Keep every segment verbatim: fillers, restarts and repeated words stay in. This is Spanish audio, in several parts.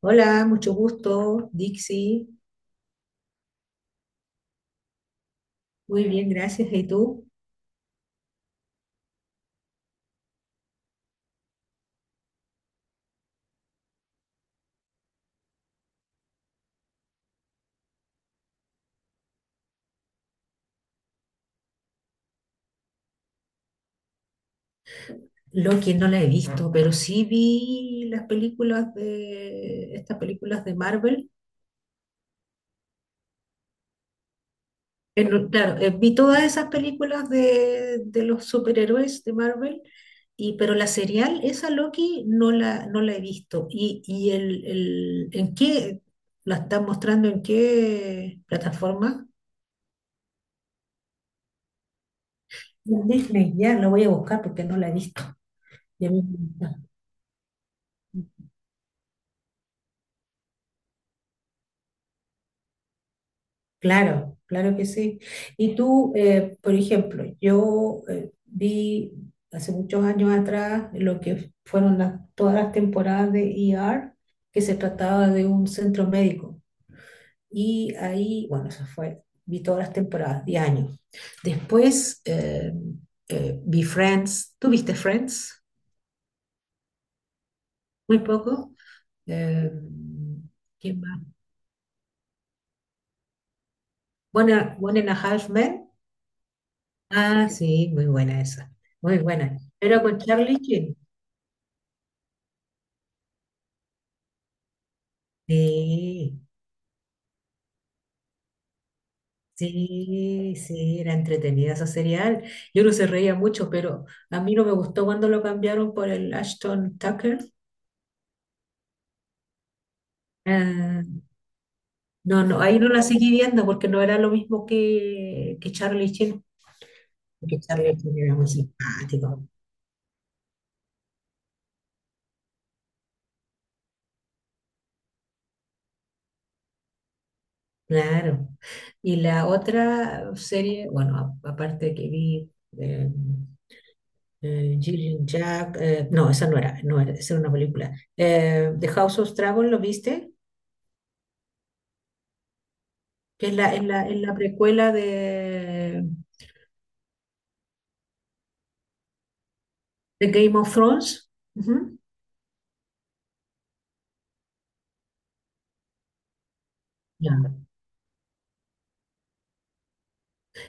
Hola, mucho gusto, Dixie. Muy bien, gracias. ¿Y tú? Loki no la he visto, pero sí vi las películas de estas películas de Marvel. Eh, no, Claro, eh, vi todas esas películas de, de los superhéroes de Marvel, y, pero la serial, esa Loki, no la, no la he visto. ¿Y, y el, el- en qué la están mostrando? ¿En qué plataforma? En Disney, ya la voy a buscar porque no la he visto. Ya mismo. Claro, claro que sí. Y tú, eh, por ejemplo, yo eh, vi hace muchos años atrás lo que fueron las- todas las temporadas de E R, que se trataba de un centro médico. Y ahí, bueno, eso fue, vi todas las temporadas, diez años. Después eh, eh, vi Friends. ¿Tú viste Friends? Muy poco. Eh, ¿quién más? One, One and a Half Men. Ah, sí, muy buena esa. Muy buena. Pero con Charlie Sheen. Sí, sí, sí, era entretenida esa serial. Yo no se reía mucho, pero a mí no me gustó cuando lo cambiaron por el Ashton Tucker. Ah, no, no, ahí no la seguí viendo porque no era lo mismo que, que Charlie Sheen. Porque Charlie Sheen era muy simpático. Claro. Y la otra serie, bueno, a- aparte que vi. eh, eh, Jill Jack, eh, no, esa no era, no era, esa era una película. Eh, The House of Dragon, ¿lo viste? Que es la, es la, Es la precuela de, de Game of Thrones. Ujú. Ya.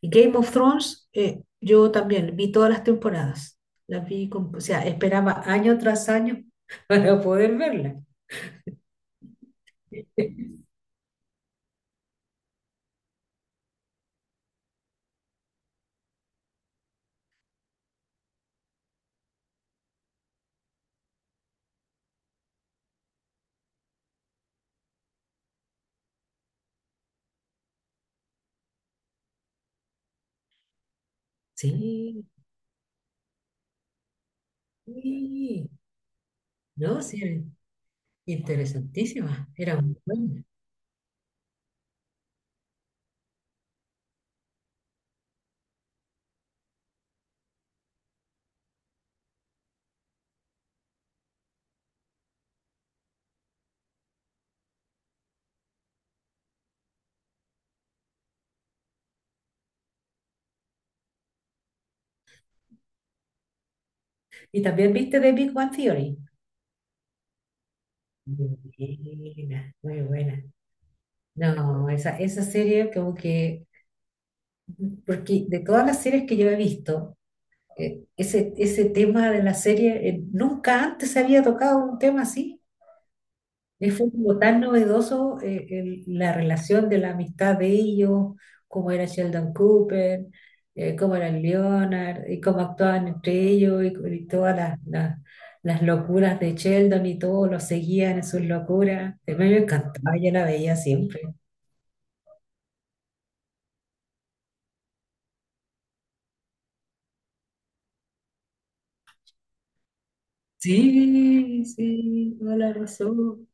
Y Game of Thrones, eh, yo también vi todas las temporadas. Las vi, con- o sea, esperaba año tras año para poder verla. Sí, sí, no, sí, era interesantísima, era muy buena. Y también viste The Big Bang Theory. Muy buena, muy buena. No, esa, esa serie como que, porque de todas las series que yo he visto, eh, ese, ese tema de la serie, eh, nunca antes se había tocado un tema así. Eh, Fue como tan novedoso, eh, el- la relación de la amistad de ellos, cómo era Sheldon Cooper, eh, cómo era Leonard, y cómo actuaban entre ellos, y, y todas las, las, las locuras de Sheldon y todo, lo seguían en sus locuras. A mí me encantaba, yo la veía siempre. Sí, sí, toda la razón.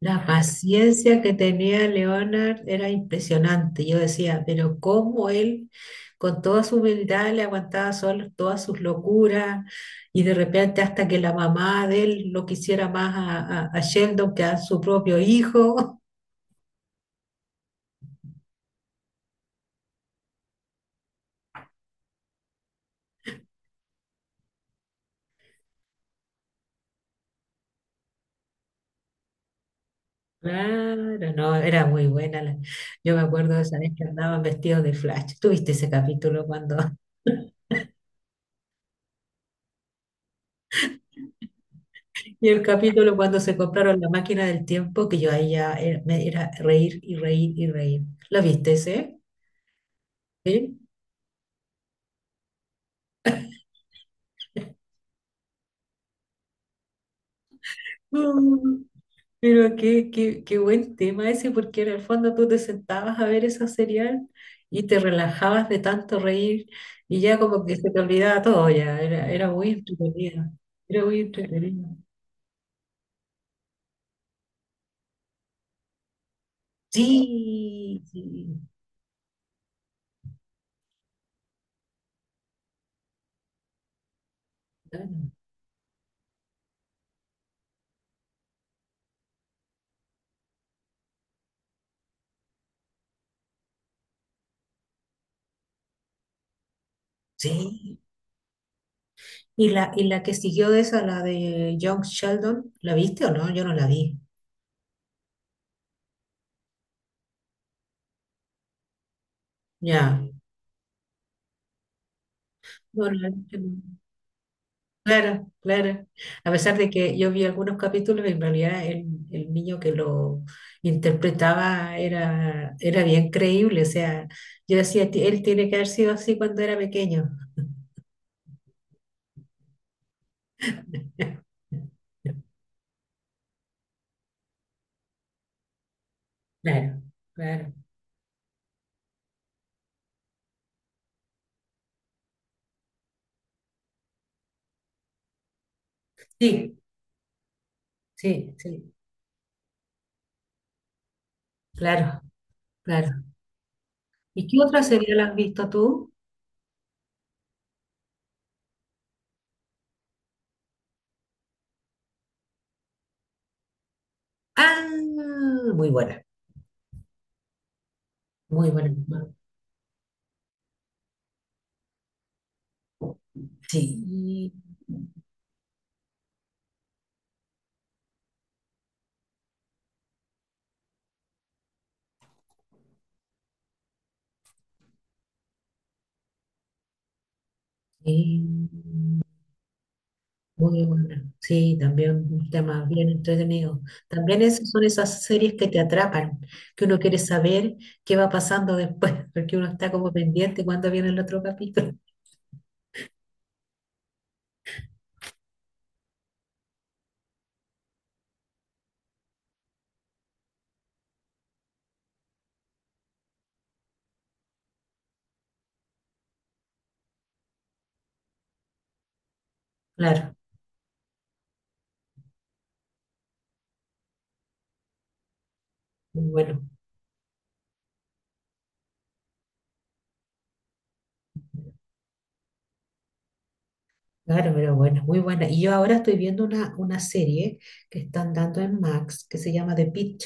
La paciencia que tenía Leonard era impresionante. Yo decía, pero cómo él, con toda su humildad, le aguantaba solo todas sus locuras y de repente hasta que la mamá de él lo quisiera más a, a- a Sheldon que a su propio hijo. Claro, no, era muy buena. la- Yo me acuerdo de esa vez que andaban vestidos de Flash. ¿Tuviste ese capítulo cuando y el capítulo cuando se compraron la máquina del tiempo, que yo ahí ya era, me era reír y reír y reír. ¿La viste ese? ¿Sí? Mm, pero qué, qué, qué buen tema ese, porque en el fondo tú te sentabas a ver esa serial y te relajabas de tanto reír y ya como que se te olvidaba todo ya. Era, era muy entretenido. Era muy entretenido. Sí, sí, claro, sí. ¿Y la, y la que siguió de esa, la de Young Sheldon, la viste o no? Yo no la vi. Ya, bueno, es que- no. Claro, claro. A pesar de que yo vi algunos capítulos, en realidad el, el niño que lo interpretaba era, era bien creíble. O sea, yo decía, "Ti- él tiene que haber sido así cuando era pequeño. Claro, claro. Sí, sí, sí, claro, claro. ¿Y qué otra serie la has visto tú? Ah, muy buena, muy buena. Sí, sí. Muy buena. Sí, también un tema bien entretenido. También esas son esas series que te atrapan, que uno quiere saber qué va pasando después, porque uno está como pendiente cuando viene el otro capítulo. Claro, muy bueno. Claro, pero bueno, muy buena. Y yo ahora estoy viendo una, una serie que están dando en Max que se llama The Pitt.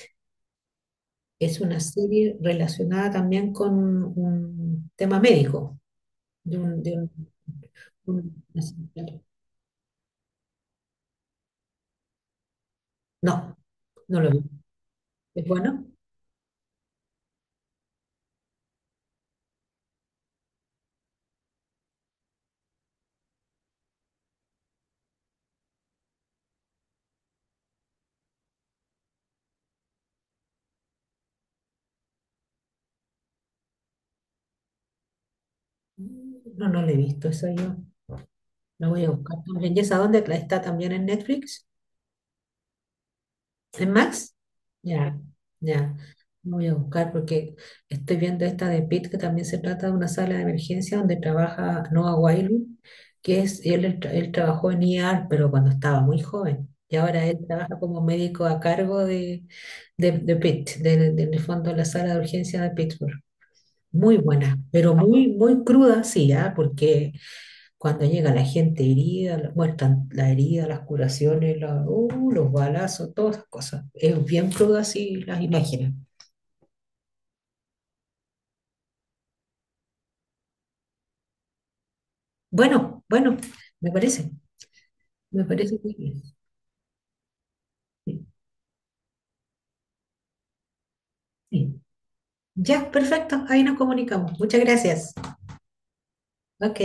Es una serie relacionada también con un tema médico. De un, de un- un- una- No, no lo vi. ¿Es bueno? No, no lo he visto. Eso yo lo voy a buscar también. ¿Y esa dónde? ¿La ¿Está también en Netflix? ¿En Max? Ya, ya. Lo voy a buscar porque estoy viendo esta de Pitt, que también se trata de una sala de emergencia donde trabaja Noah Wyle, que es, él, él tra- él trabajó en E R, pero cuando estaba muy joven. Y ahora él trabaja como médico a cargo de, de, de Pitt, de, de- en el fondo de la sala de urgencia de Pittsburgh. Muy buena, pero muy, muy cruda, sí, ¿ah? Porque cuando llega la gente herida, la- muestran la herida, las curaciones, la- uh, los balazos, todas esas cosas. Es bien crudo así las imágenes. Bueno, bueno, me parece, me parece muy bien. Sí, sí. Ya, perfecto, ahí nos comunicamos. Muchas gracias. Ok.